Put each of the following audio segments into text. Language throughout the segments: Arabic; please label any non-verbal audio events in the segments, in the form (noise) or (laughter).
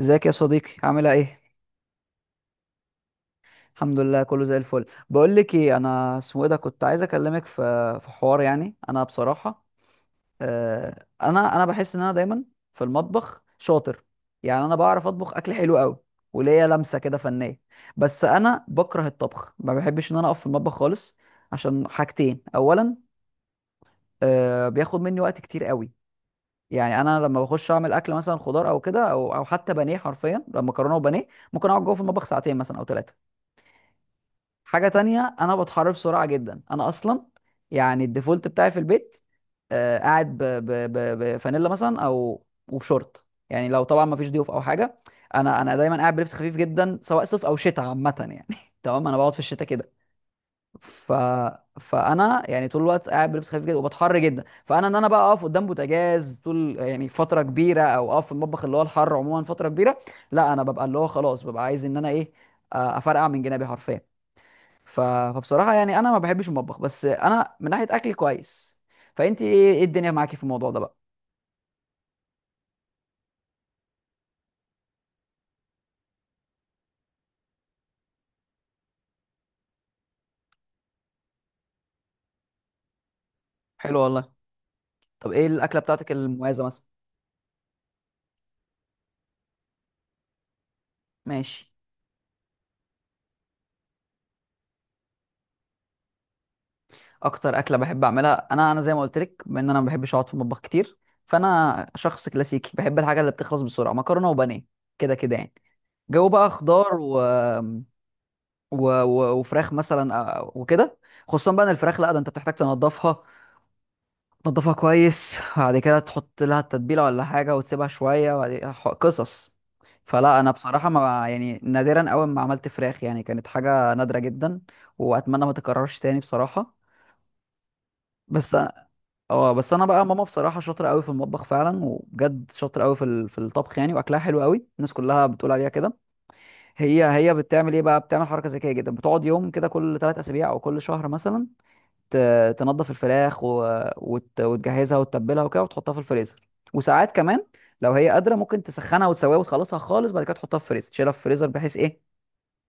ازيك يا صديقي، عامله ايه؟ الحمد لله كله زي الفل. بقول لك ايه، انا اسمه ايه ده، كنت عايز اكلمك في حوار. يعني انا بصراحه انا بحس ان انا دايما في المطبخ شاطر. يعني انا بعرف اطبخ اكل حلو قوي وليا لمسه كده فنيه، بس انا بكره الطبخ، ما بحبش ان انا اقف في المطبخ خالص. عشان حاجتين، اولا بياخد مني وقت كتير قوي. يعني انا لما بخش اعمل اكل مثلا خضار او كده او حتى بانيه، حرفيا لما مكرونه وبانيه ممكن اقعد جوه في المطبخ ساعتين مثلا او ثلاثه. حاجة تانية، أنا بتحرك بسرعة جدا. أنا أصلا يعني الديفولت بتاعي في البيت، آه، قاعد بفانيلا مثلا أو وبشورت، يعني لو طبعا ما فيش ضيوف أو حاجة. أنا دايما قاعد بلبس خفيف جدا سواء صيف أو شتاء، عامة يعني (laughs) تمام. أنا بقعد في الشتاء كده، ف... فأنا يعني طول الوقت قاعد بلبس خفيف جدا وبتحر جدا، فأنا إن أنا بقى أقف قدام بوتاجاز طول يعني فترة كبيرة أو أقف في المطبخ اللي هو الحر عموما فترة كبيرة، لا. أنا ببقى اللي هو خلاص ببقى عايز إن أنا إيه، أفرقع من جنابي حرفيا. ف... فبصراحة يعني أنا ما بحبش المطبخ، بس أنا من ناحية أكل كويس. فأنت إيه الدنيا معاكي في الموضوع ده بقى؟ حلو والله. طب إيه الأكلة بتاعتك المميزة مثلا؟ ماشي. أكتر أكلة بحب أعملها، أنا زي ما قلت لك، بما إن أنا ما بحبش أقعد في المطبخ كتير، فأنا شخص كلاسيكي بحب الحاجة اللي بتخلص بسرعة، مكرونة وبانيه، كده كده يعني. جو بقى خضار وفراخ مثلا، وكده. خصوصا بقى إن الفراخ، لا ده أنت بتحتاج تنضفها، تنضفها كويس، بعد كده تحط لها التتبيلة ولا حاجة وتسيبها شوية، وبعد كده قصص. فلا أنا بصراحة ما يعني نادرا أوي ما عملت فراخ، يعني كانت حاجة نادرة جدا، وأتمنى ما تكررش تاني بصراحة. بس أنا، اه بس أنا بقى ماما بصراحة شاطرة أوي في المطبخ فعلا، وبجد شاطرة أوي في في الطبخ يعني، وأكلها حلو أوي، الناس كلها بتقول عليها كده. هي بتعمل إيه بقى؟ بتعمل حركة ذكية جدا، بتقعد يوم كده كل ثلاث أسابيع أو كل شهر مثلا، تنضف الفراخ وتجهزها وتتبلها وكده وتحطها في الفريزر. وساعات كمان لو هي قادره ممكن تسخنها وتسويها وتخلصها خالص، بعد كده تحطها في الفريزر، تشيلها في الفريزر بحيث ايه،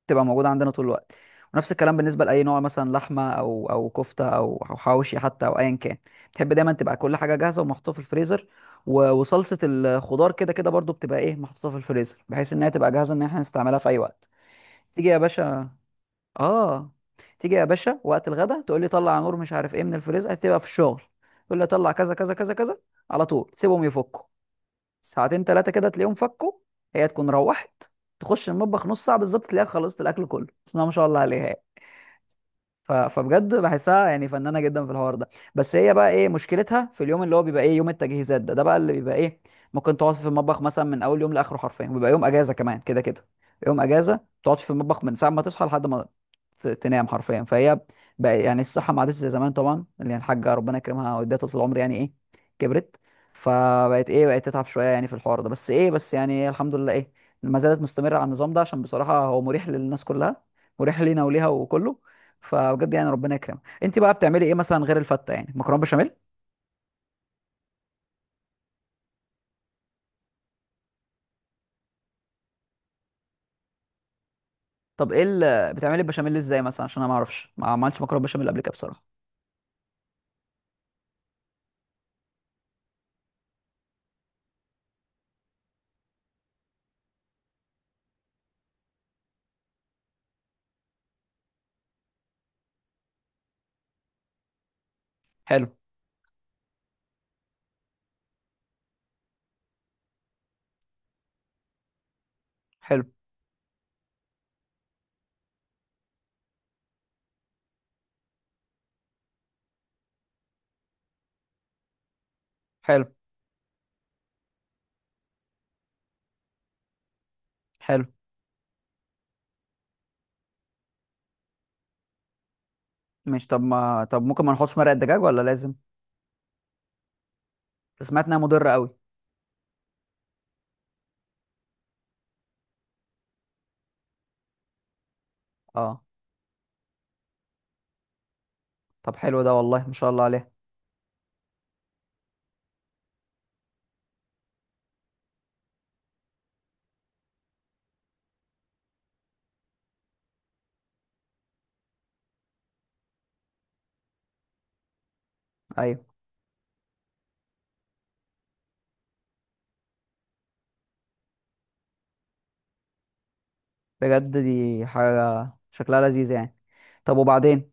تبقى موجوده عندنا طول الوقت. ونفس الكلام بالنسبه لاي نوع، مثلا لحمه او كفته او حواوشي، حتى او ايا كان، تحب دايما تبقى كل حاجه جاهزه ومحطوطه في الفريزر. وصلصه الخضار كده كده برضو بتبقى ايه محطوطه في الفريزر، بحيث انها تبقى جاهزه ان احنا نستعملها في اي وقت. تيجي يا باشا. اه، تيجي يا باشا وقت الغدا، تقول لي طلع نور مش عارف ايه من الفريزر، هتبقى في الشغل، تقول لي طلع كذا كذا كذا كذا، على طول سيبهم يفكوا، ساعتين ثلاثه كده تلاقيهم فكوا. هي تكون روحت تخش المطبخ نص ساعه، بالظبط تلاقيها خلصت الاكل كله، بسم الله ما شاء الله عليها. فبجد بحسها يعني فنانه جدا في الحوار ده. بس هي بقى ايه مشكلتها؟ في اليوم اللي هو بيبقى ايه، يوم التجهيزات ده، ده بقى اللي بيبقى ايه، ممكن تقعد في المطبخ مثلا من اول يوم لاخره حرفيا، وبيبقى يوم اجازه كمان كده كده. يوم اجازه تقعد في المطبخ من ساعه ما تصحى لحد ما تنام حرفيا. فهي بقى يعني الصحه ما عادتش زي زمان طبعا، اللي هي الحاجه ربنا يكرمها واديها طول العمر، يعني ايه، كبرت، فبقت ايه، بقت تتعب شويه يعني في الحوار ده، بس ايه، بس يعني الحمد لله ايه، ما زالت مستمره على النظام ده، عشان بصراحه هو مريح للناس كلها، مريح لينا وليها وكله. فبجد يعني ربنا يكرمك. انت بقى بتعملي ايه مثلا غير الفته؟ يعني مكرونه بشاميل. طب ايه اللي، بتعملي البشاميل ازاي مثلا؟ عشان انا ما اعرفش، ما عملتش مكرونه بشاميل قبل كده بصراحه. حلو. حلو. حلو. حلو. ماشي. طب ما طب ممكن ما نحطش مرقه دجاج ولا لازم؟ سمعت انها مضره قوي. اه. طب حلو ده والله، ما شاء الله عليها. ايوه. بجد دي حاجه شكلها لذيذ يعني. طب وبعدين؟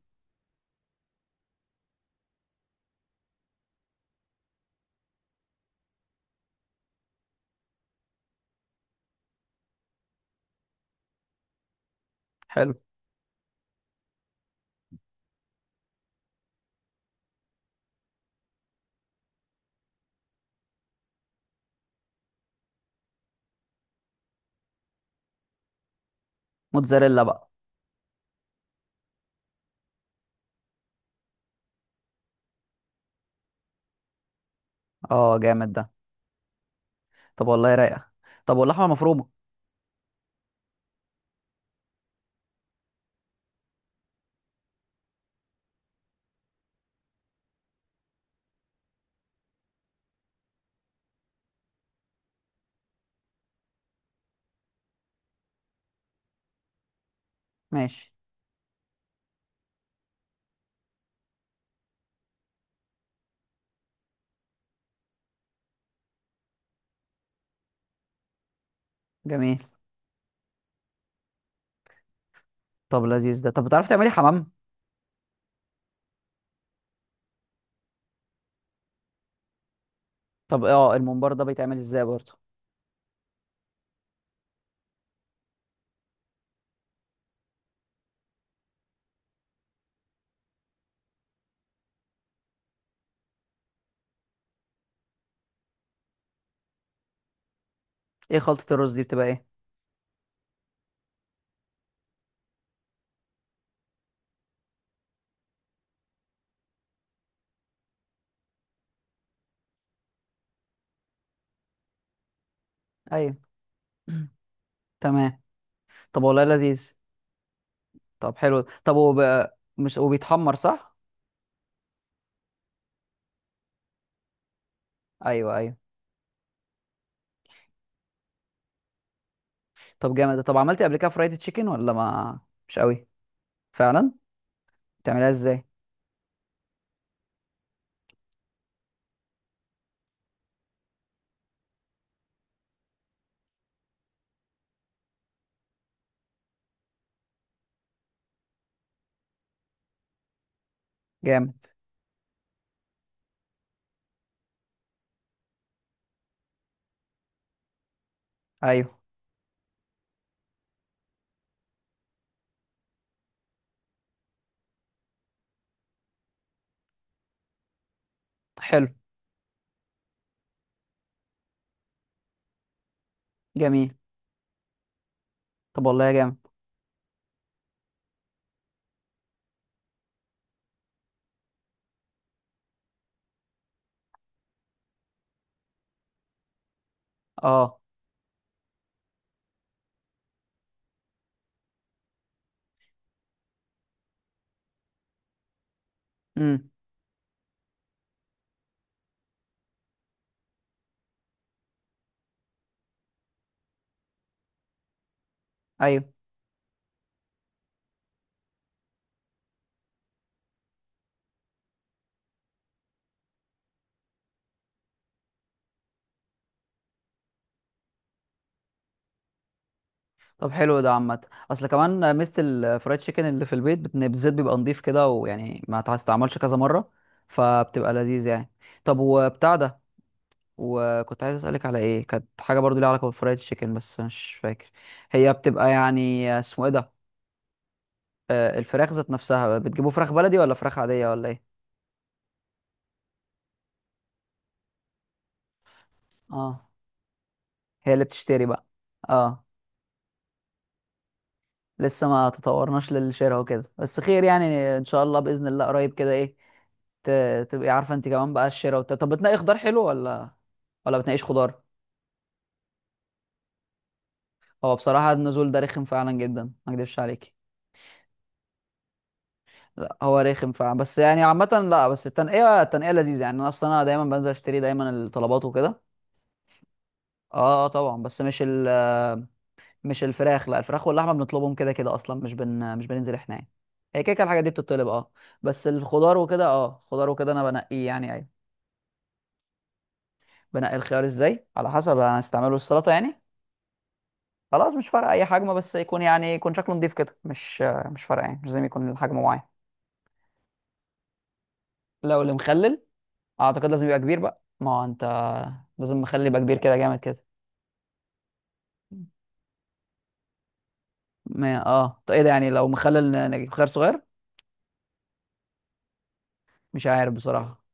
حلو. موتزاريلا بقى. اه جامد ده. طب والله رايقه. طب واللحمه المفرومه؟ ماشي. جميل. طب لذيذ ده. طب بتعرفي تعملي حمام؟ طب اه، الممبار ده بيتعمل ازاي برضه؟ ايه خلطة الرز دي، بتبقى ايه؟ ايوه. (clears throat) تمام. طب والله لذيذ. طب حلو، طب هو بقى، مش هو بيتحمر صح؟ ايوه ايوه. طب جامد ده. طب عملتي قبل كده فرايد تشيكن ولا ما، مش قوي؟ فعلا. بتعمليها ازاي؟ جامد. ايوه. حلو. جميل. طب والله يا جامد. اه. امم. ايوه. طب حلو ده عامة. اصل كمان ميزة الفرايد تشيكن اللي في البيت، بالزيت بيبقى نضيف كده، ويعني ما تستعملش كذا مرة، فبتبقى لذيذ يعني. طب وبتاع ده، وكنت عايز اسالك على ايه، كانت حاجه برضو ليها علاقه بالفرايد تشيكن، بس مش فاكر، هي بتبقى يعني اسمه ايه ده، الفراخ ذات نفسها، بتجيبوا فراخ بلدي ولا فراخ عاديه ولا ايه؟ اه، هي اللي بتشتري بقى. اه. لسه ما تطورناش للشراء وكده، بس خير يعني، ان شاء الله باذن الله قريب كده ايه، تبقي عارفه انت كمان بقى الشراء طب بتنقي خضار حلو ولا بتنقيش خضار؟ هو بصراحه النزول ده رخم فعلا جدا، ما اكدبش عليكي. لا هو رخم فعلا، بس يعني عامة، لا بس التنقية لذيذة يعني، انا اصلا انا دايما بنزل اشتري دايما الطلبات وكده. اه، آه طبعا، بس مش الفراخ، لا الفراخ واللحمة بنطلبهم كده كده اصلا، مش بننزل احنا يعني، هي كده كده الحاجات دي بتطلب. اه، بس الخضار وكده، اه الخضار وكده انا بنقيه يعني، ايوه. بنقي الخيار ازاي؟ على حسب، انا هستعمله السلطة يعني، خلاص مش فارقة اي حجم، بس يكون يعني يكون شكله نضيف كده، مش فارقة يعني، مش لازم يكون الحجم معين. لو اللي مخلل، اعتقد لازم يبقى كبير بقى، ما هو انت لازم مخلي يبقى كبير كده جامد كده. ما اه، طب ايه ده يعني؟ لو مخلل نجيب خيار صغير؟ مش عارف بصراحه.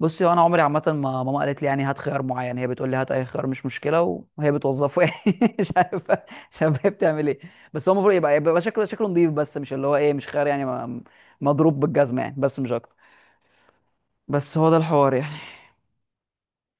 بصي هو انا عمري عامه ما، ماما قالت لي يعني هات خيار معين، هي بتقول لي هات اي خيار مش مشكله، وهي بتوظفه يعني (laughs) مش عارف، هي بتعمل ايه. بس هو المفروض يبقى، يبقى شكله، شكله نظيف، بس مش اللي هو ايه، مش خيار يعني ما- مضروب بالجزمه يعني، بس مش اكتر. بس هو ده الحوار يعني.